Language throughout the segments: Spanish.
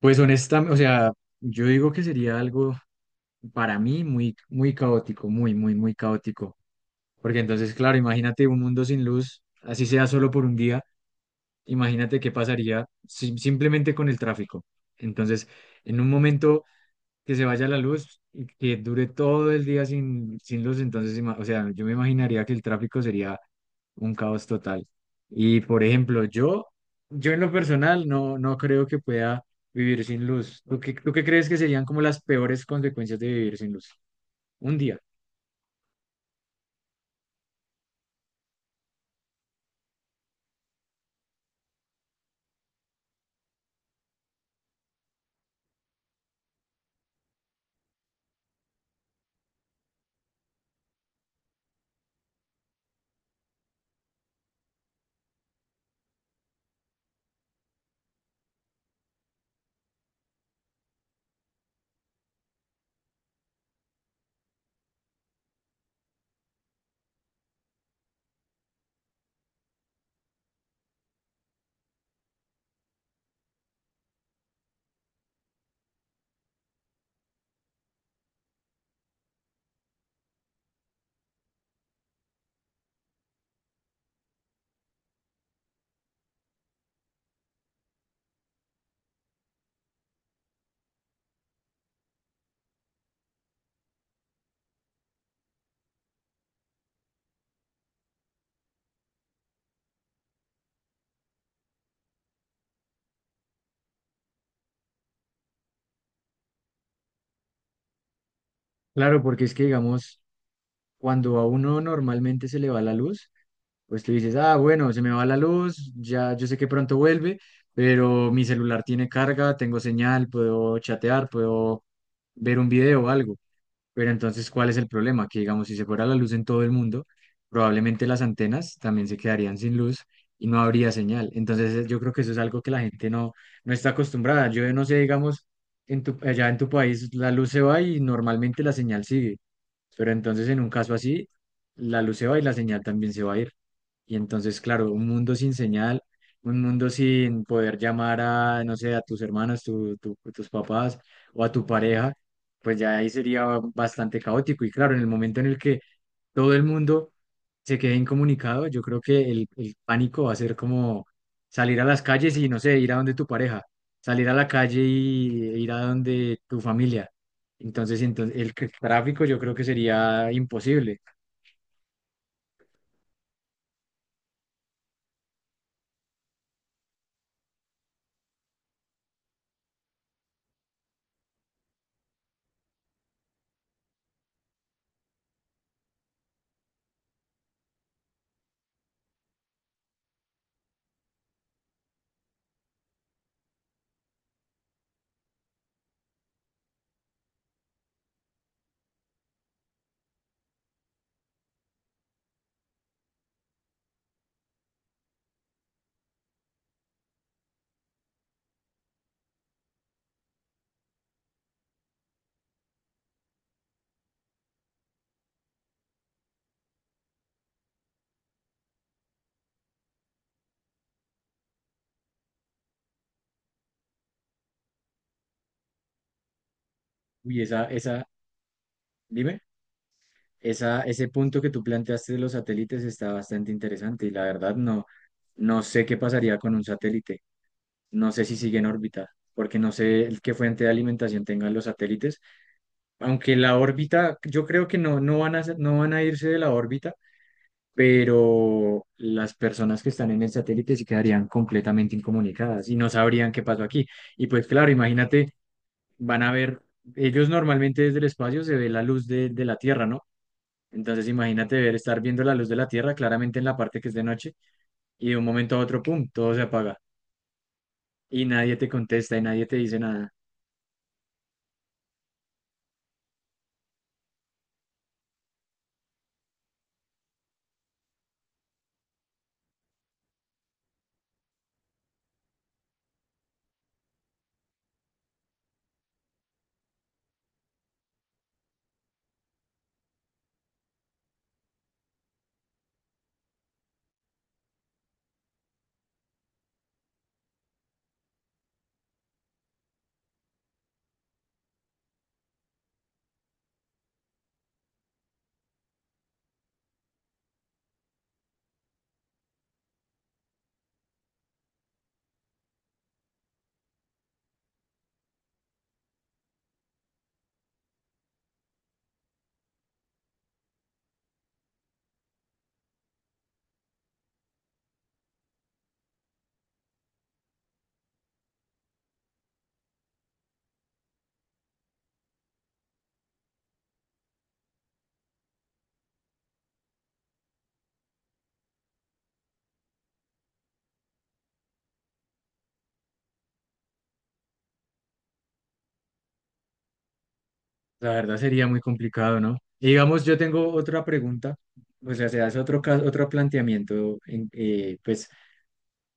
Pues honestamente, o sea, yo digo que sería algo para mí muy, muy caótico, muy, muy, muy caótico. Porque entonces, claro, imagínate un mundo sin luz, así sea solo por un día, imagínate qué pasaría simplemente con el tráfico. Entonces, en un momento que se vaya la luz y que dure todo el día sin luz, entonces, o sea, yo me imaginaría que el tráfico sería un caos total. Y, por ejemplo, yo en lo personal no creo que pueda vivir sin luz. ¿ tú qué crees que serían como las peores consecuencias de vivir sin luz? Un día. Claro, porque es que, digamos, cuando a uno normalmente se le va la luz, pues tú dices, ah, bueno, se me va la luz, ya yo sé que pronto vuelve, pero mi celular tiene carga, tengo señal, puedo chatear, puedo ver un video o algo. Pero entonces, ¿cuál es el problema? Que digamos, si se fuera la luz en todo el mundo, probablemente las antenas también se quedarían sin luz y no habría señal. Entonces, yo creo que eso es algo que la gente no está acostumbrada. Yo no sé, digamos, en tu, allá en tu país la luz se va y normalmente la señal sigue. Pero entonces, en un caso así, la luz se va y la señal también se va a ir. Y entonces, claro, un mundo sin señal, un mundo sin poder llamar a, no sé, a tus hermanos, tus papás o a tu pareja pues ya ahí sería bastante caótico. Y claro, en el momento en el que todo el mundo se quede incomunicado, yo creo que el pánico va a ser como salir a las calles y, no sé, ir a donde tu pareja, salir a la calle y ir a donde tu familia. Entonces, el tráfico yo creo que sería imposible. Y dime, ese punto que tú planteaste de los satélites está bastante interesante y la verdad no sé qué pasaría con un satélite. No sé si sigue en órbita, porque no sé el qué fuente de alimentación tengan los satélites. Aunque la órbita, yo creo que no van no van a irse de la órbita, pero las personas que están en el satélite sí quedarían completamente incomunicadas y no sabrían qué pasó aquí. Y pues claro, imagínate, van a ver, ellos normalmente desde el espacio se ve la luz de la Tierra, ¿no? Entonces imagínate ver, estar viendo la luz de la Tierra claramente en la parte que es de noche y de un momento a otro, ¡pum!, todo se apaga y nadie te contesta y nadie te dice nada. La verdad sería muy complicado, ¿no? Y digamos, yo tengo otra pregunta, o sea, se hace otro caso, otro planteamiento, pues,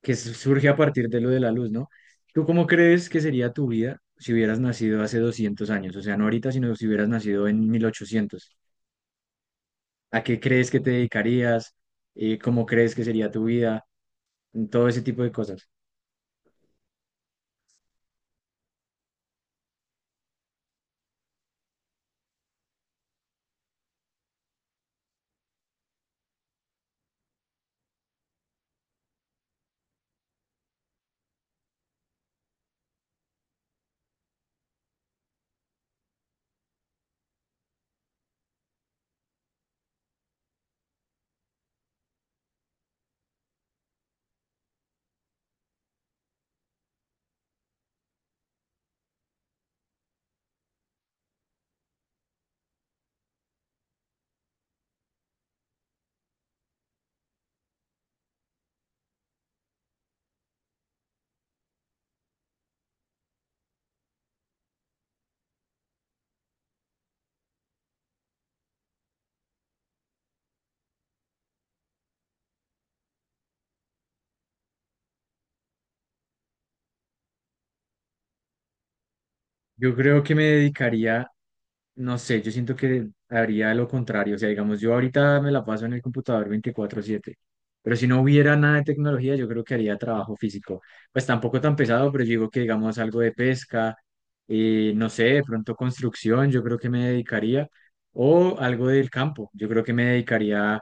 que surge a partir de lo de la luz, ¿no? ¿Tú cómo crees que sería tu vida si hubieras nacido hace 200 años? O sea, no ahorita, sino si hubieras nacido en mil ochocientos. ¿A qué crees que te dedicarías? ¿Cómo crees que sería tu vida? Todo ese tipo de cosas. Yo creo que me dedicaría, no sé, yo siento que haría lo contrario. O sea, digamos, yo ahorita me la paso en el computador 24/7, pero si no hubiera nada de tecnología, yo creo que haría trabajo físico. Pues tampoco tan pesado, pero yo digo que, digamos, algo de pesca, no sé, de pronto construcción, yo creo que me dedicaría, o algo del campo, yo creo que me dedicaría a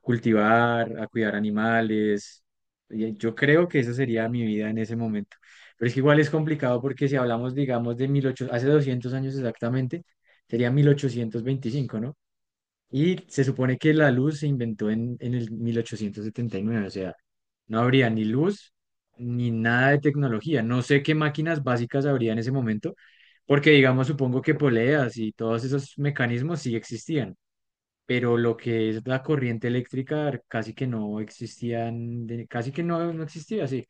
cultivar, a cuidar animales. Y yo creo que esa sería mi vida en ese momento. Pero es que igual es complicado porque si hablamos, digamos, de 1800, hace 200 años exactamente, sería 1825, ¿no? Y se supone que la luz se inventó en el 1879, o sea, no habría ni luz ni nada de tecnología. No sé qué máquinas básicas habría en ese momento, porque, digamos, supongo que poleas y todos esos mecanismos sí existían, pero lo que es la corriente eléctrica casi que no existían, casi que no existía, sí.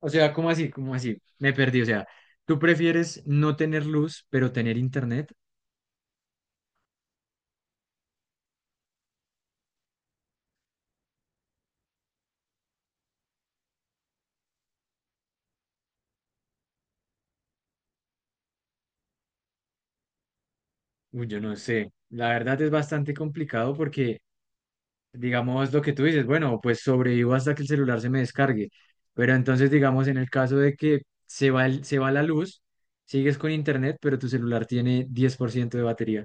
O sea, ¿cómo así? ¿Cómo así? Me perdí. O sea, ¿tú prefieres no tener luz, pero tener internet? Uy, yo no sé. La verdad es bastante complicado porque, digamos, lo que tú dices, bueno, pues sobrevivo hasta que el celular se me descargue. Pero entonces, digamos, en el caso de que se va, se va la luz, sigues con internet, pero tu celular tiene 10% de batería.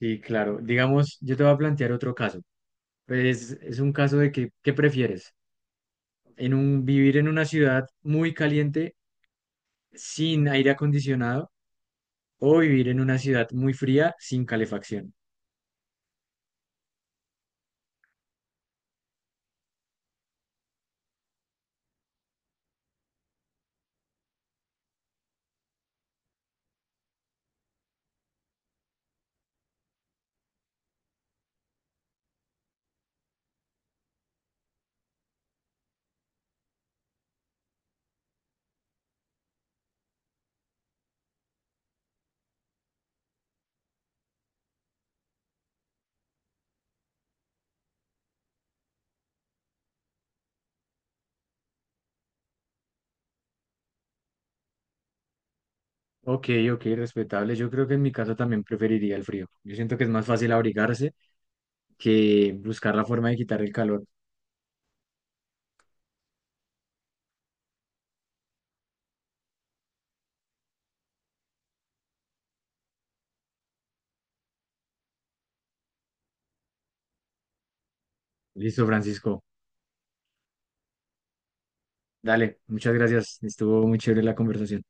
Y claro, digamos, yo te voy a plantear otro caso. Pues es un caso de que, ¿qué prefieres? En un, vivir en una ciudad muy caliente sin aire acondicionado o vivir en una ciudad muy fría sin calefacción. Ok, ok, respetable. Yo creo que en mi caso también preferiría el frío. Yo siento que es más fácil abrigarse que buscar la forma de quitar el calor. Listo, Francisco. Dale, muchas gracias. Estuvo muy chévere la conversación.